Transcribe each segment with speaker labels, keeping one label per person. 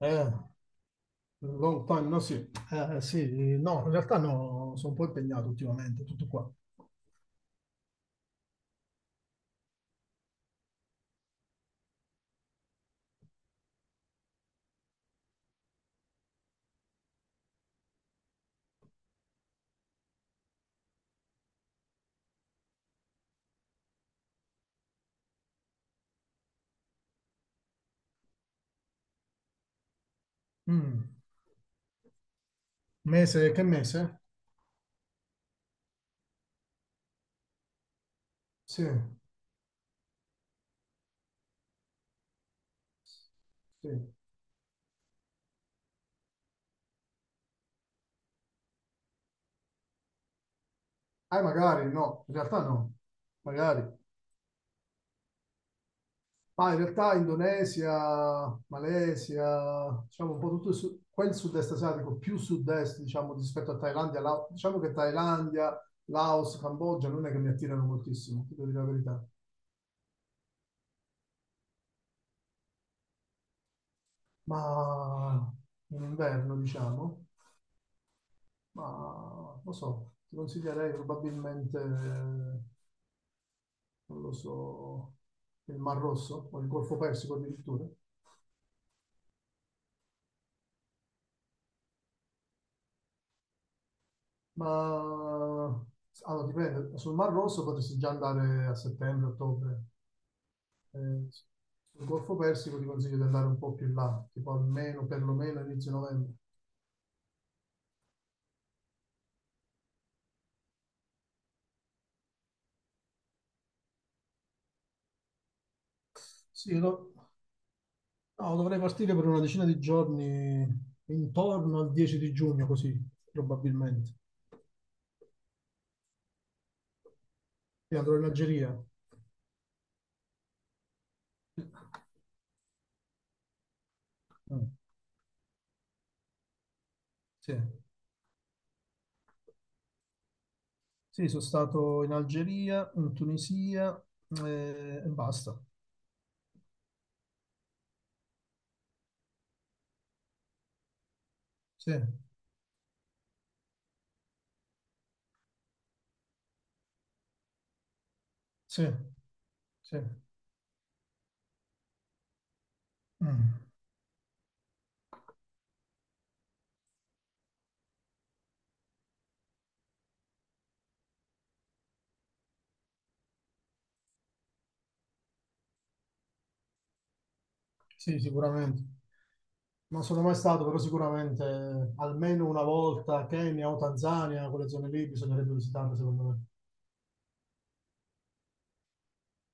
Speaker 1: Eh, Long time, no sì. Sì, no, in realtà no, sono un po' impegnato ultimamente, tutto qua. Mm, mese, che mese? Sì, sì. Magari no, in realtà no, magari. Ma in realtà Indonesia, Malesia, diciamo un po' tutto il quel sud-est asiatico, più sud-est, diciamo, rispetto a Thailandia, diciamo che Thailandia, Laos, Cambogia non è che mi attirano moltissimo, ti devo dire la verità. Ma in inverno, diciamo. Ma lo so, ti consiglierei probabilmente, non lo so, il Mar Rosso o il Golfo Persico addirittura, ma allora, dipende, sul Mar Rosso potresti già andare a settembre, ottobre. Sul Golfo Persico ti consiglio di andare un po' più in là, tipo almeno, perlomeno inizio novembre. Sì, io no, dovrei partire per una decina di giorni intorno al 10 di giugno, così probabilmente. E andrò in Algeria. Mm, sì. Sì, sono stato in Algeria, in Tunisia e basta. Sì, sì, sì. Mm. Sì, sicuramente. Non sono mai stato, però sicuramente almeno una volta Kenya o Tanzania, quelle zone lì bisognerebbe visitarle, secondo me.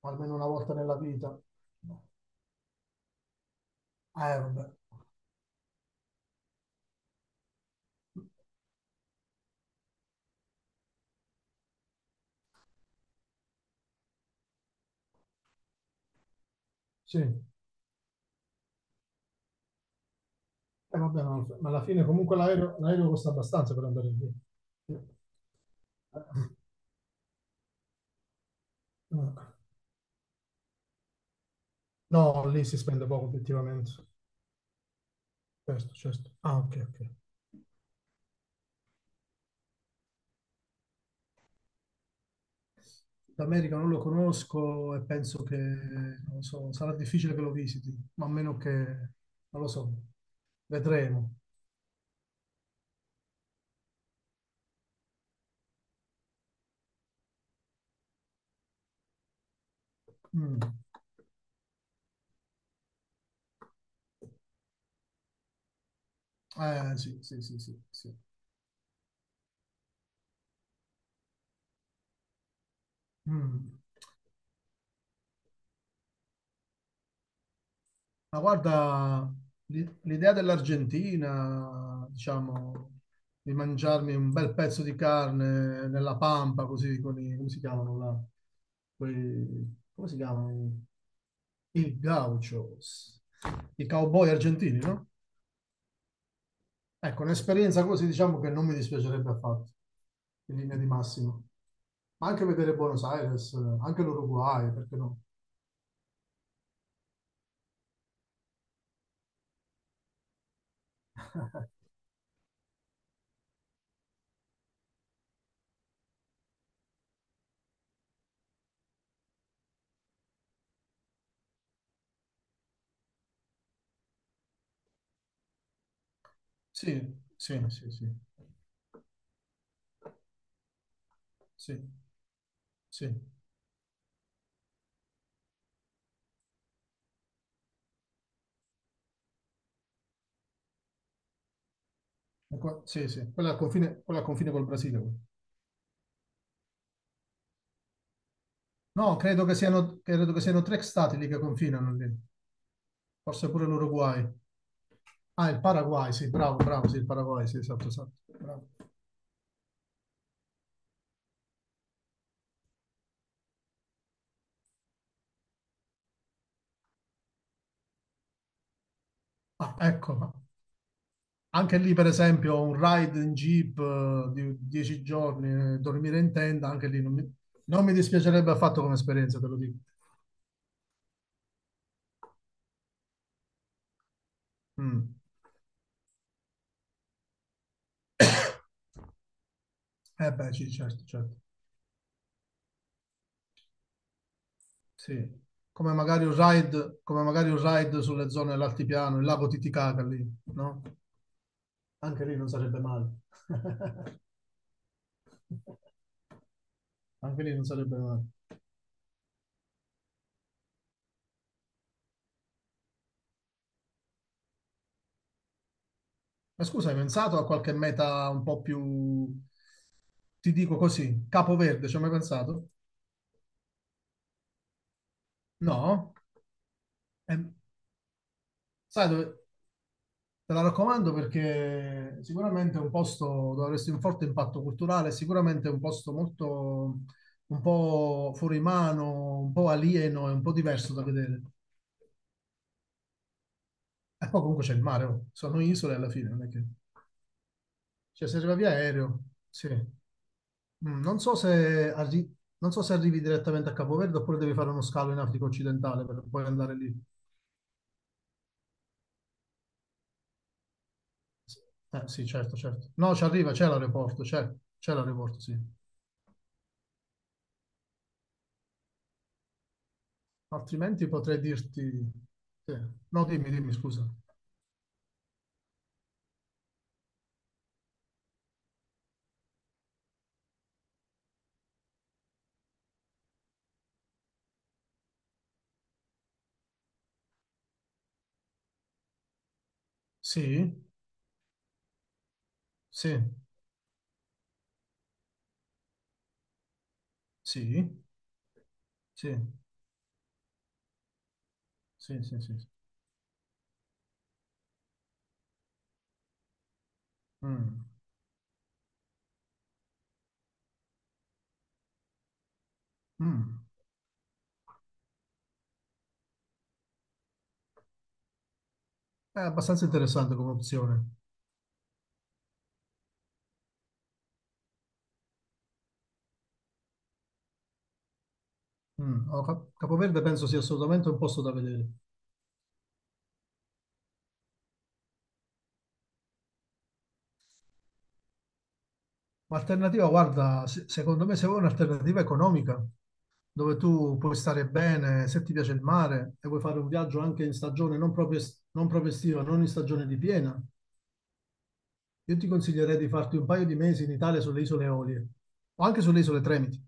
Speaker 1: Almeno una volta nella vita. Vabbè. Sì, vabbè, ma alla fine comunque l'aereo costa abbastanza per andare lì. Sì. Eh, eh. No, lì si spende poco, obiettivamente. Certo, certo. Ah, ok, ok. L'America non lo conosco e penso che, non so, sarà difficile che lo visiti, ma a meno che, non lo so, vedremo. Mm. Sì, sì, sì, sì, sì. Mm. Ma guarda, l'idea dell'Argentina, diciamo, di mangiarmi un bel pezzo di carne nella pampa, così con i, come si chiamano là? Come si chiamano? I gauchos, i cowboy argentini, no? Ecco, un'esperienza così diciamo che non mi dispiacerebbe affatto, in linea di massima. Ma anche vedere Buenos Aires, anche l'Uruguay, perché no? Sì, sì, sì, sì, sì, sì, e sì, sì. Quella al confine col Brasile, quella. No, credo che siano tre stati lì che confinano lì, forse pure l'Uruguay. Ah, il Paraguay, sì, bravo, bravo, sì, il Paraguay, sì, esatto, esatto, bravo. Ah, ecco, anche lì, per esempio, un ride in jeep di 10 giorni, dormire in tenda, anche lì non mi, non mi dispiacerebbe affatto come esperienza, te lo dico. Mm. Eh beh, sì, certo, certo. Sì. Come magari un ride, come magari un ride sulle zone dell'altipiano, il lago Titicaca lì, no? Anche lì non sarebbe male. Anche lì non sarebbe male. Ma scusa, hai pensato a qualche meta un po' più, ti dico così, Capo Verde, ci hai mai pensato? No? Eh, sai dove... Te la raccomando perché sicuramente è un posto dove avresti un forte impatto culturale, sicuramente è un posto molto, un po' fuori mano, un po' alieno e un po' diverso da vedere. E poi comunque c'è il mare, oh. Sono isole alla fine, non è che... Cioè se arriva via aereo, sì. Mm, non so se arrivi direttamente a Capoverde oppure devi fare uno scalo in Africa occidentale per poi andare lì. Sì, certo, certo. No, ci arriva, c'è l'aeroporto, sì. Altrimenti potrei dirti... sì. No, dimmi, dimmi, scusa. Sì, sì, sì, sì, sì, sì, sì. Mm, mm. È abbastanza interessante come opzione. Mm. Allora, Capoverde penso sia assolutamente un posto da vedere. Ma alternativa, guarda, secondo me se vuoi un'alternativa economica, dove tu puoi stare bene, se ti piace il mare e vuoi fare un viaggio anche in stagione non proprio, non proprio estiva, non in stagione di piena, io ti consiglierei di farti un paio di mesi in Italia sulle isole Eolie o anche sulle isole Tremiti.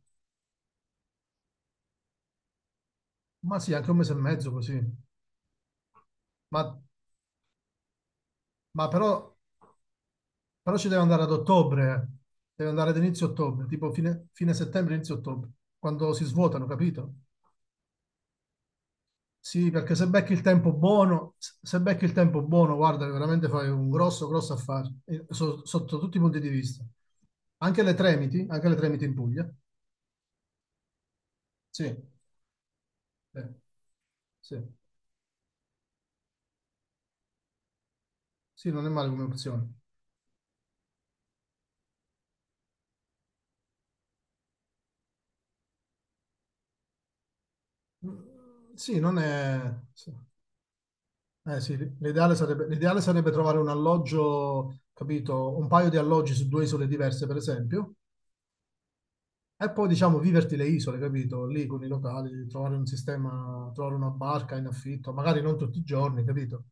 Speaker 1: Ma sì, anche un mese e mezzo così. Ma, ma però, però ci devi andare ad ottobre, eh. Devi andare ad inizio ottobre, tipo fine, fine settembre, inizio ottobre, quando si svuotano, capito? Sì, perché se becchi il tempo buono, se becchi il tempo buono, guarda, veramente fai un grosso, grosso affare, sotto tutti i punti di vista. Anche le Tremiti in Puglia. Sì, eh, sì, sì, non è male come opzione. Mm, sì, non è... sì. Eh sì, l'ideale sarebbe trovare un alloggio, capito? Un paio di alloggi su due isole diverse, per esempio, e poi, diciamo, viverti le isole, capito? Lì con i locali, trovare un sistema, trovare una barca in affitto, magari non tutti i giorni, capito?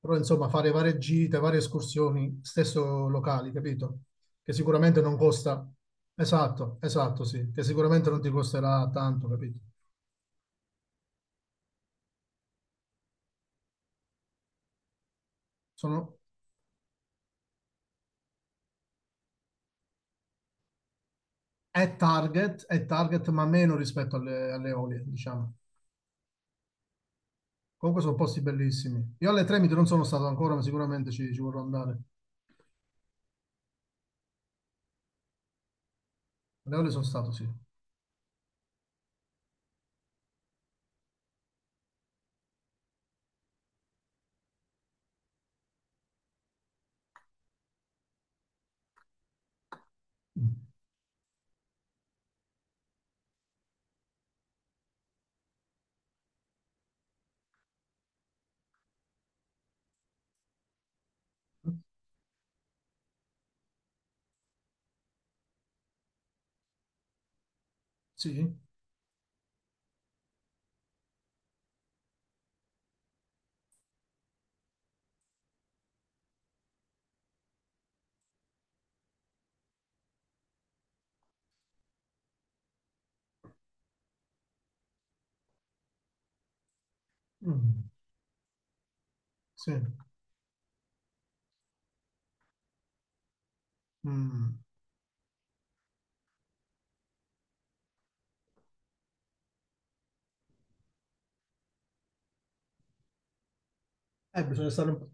Speaker 1: Però, insomma, fare varie gite, varie escursioni, stesso locali, capito? Che sicuramente non costa... Esatto, esatto, sì, che sicuramente non ti costerà tanto, capito? Sono... è target, ma meno rispetto alle, alle olie, diciamo. Comunque sono posti bellissimi. Io alle Tremiti non sono stato ancora, ma sicuramente ci vorrò andare. Alle olie sono stato, sì. Mm. Sì? Mm. Sì. Mm. Bisogna stare un po'.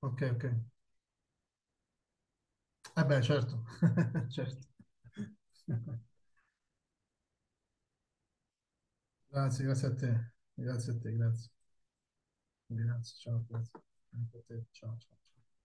Speaker 1: Ok, ok. Eh beh, certo. Certo. Grazie, grazie a te. Grazie a te, grazie. Grazie, ciao, grazie. Anche a te, ciao, ciao, ciao.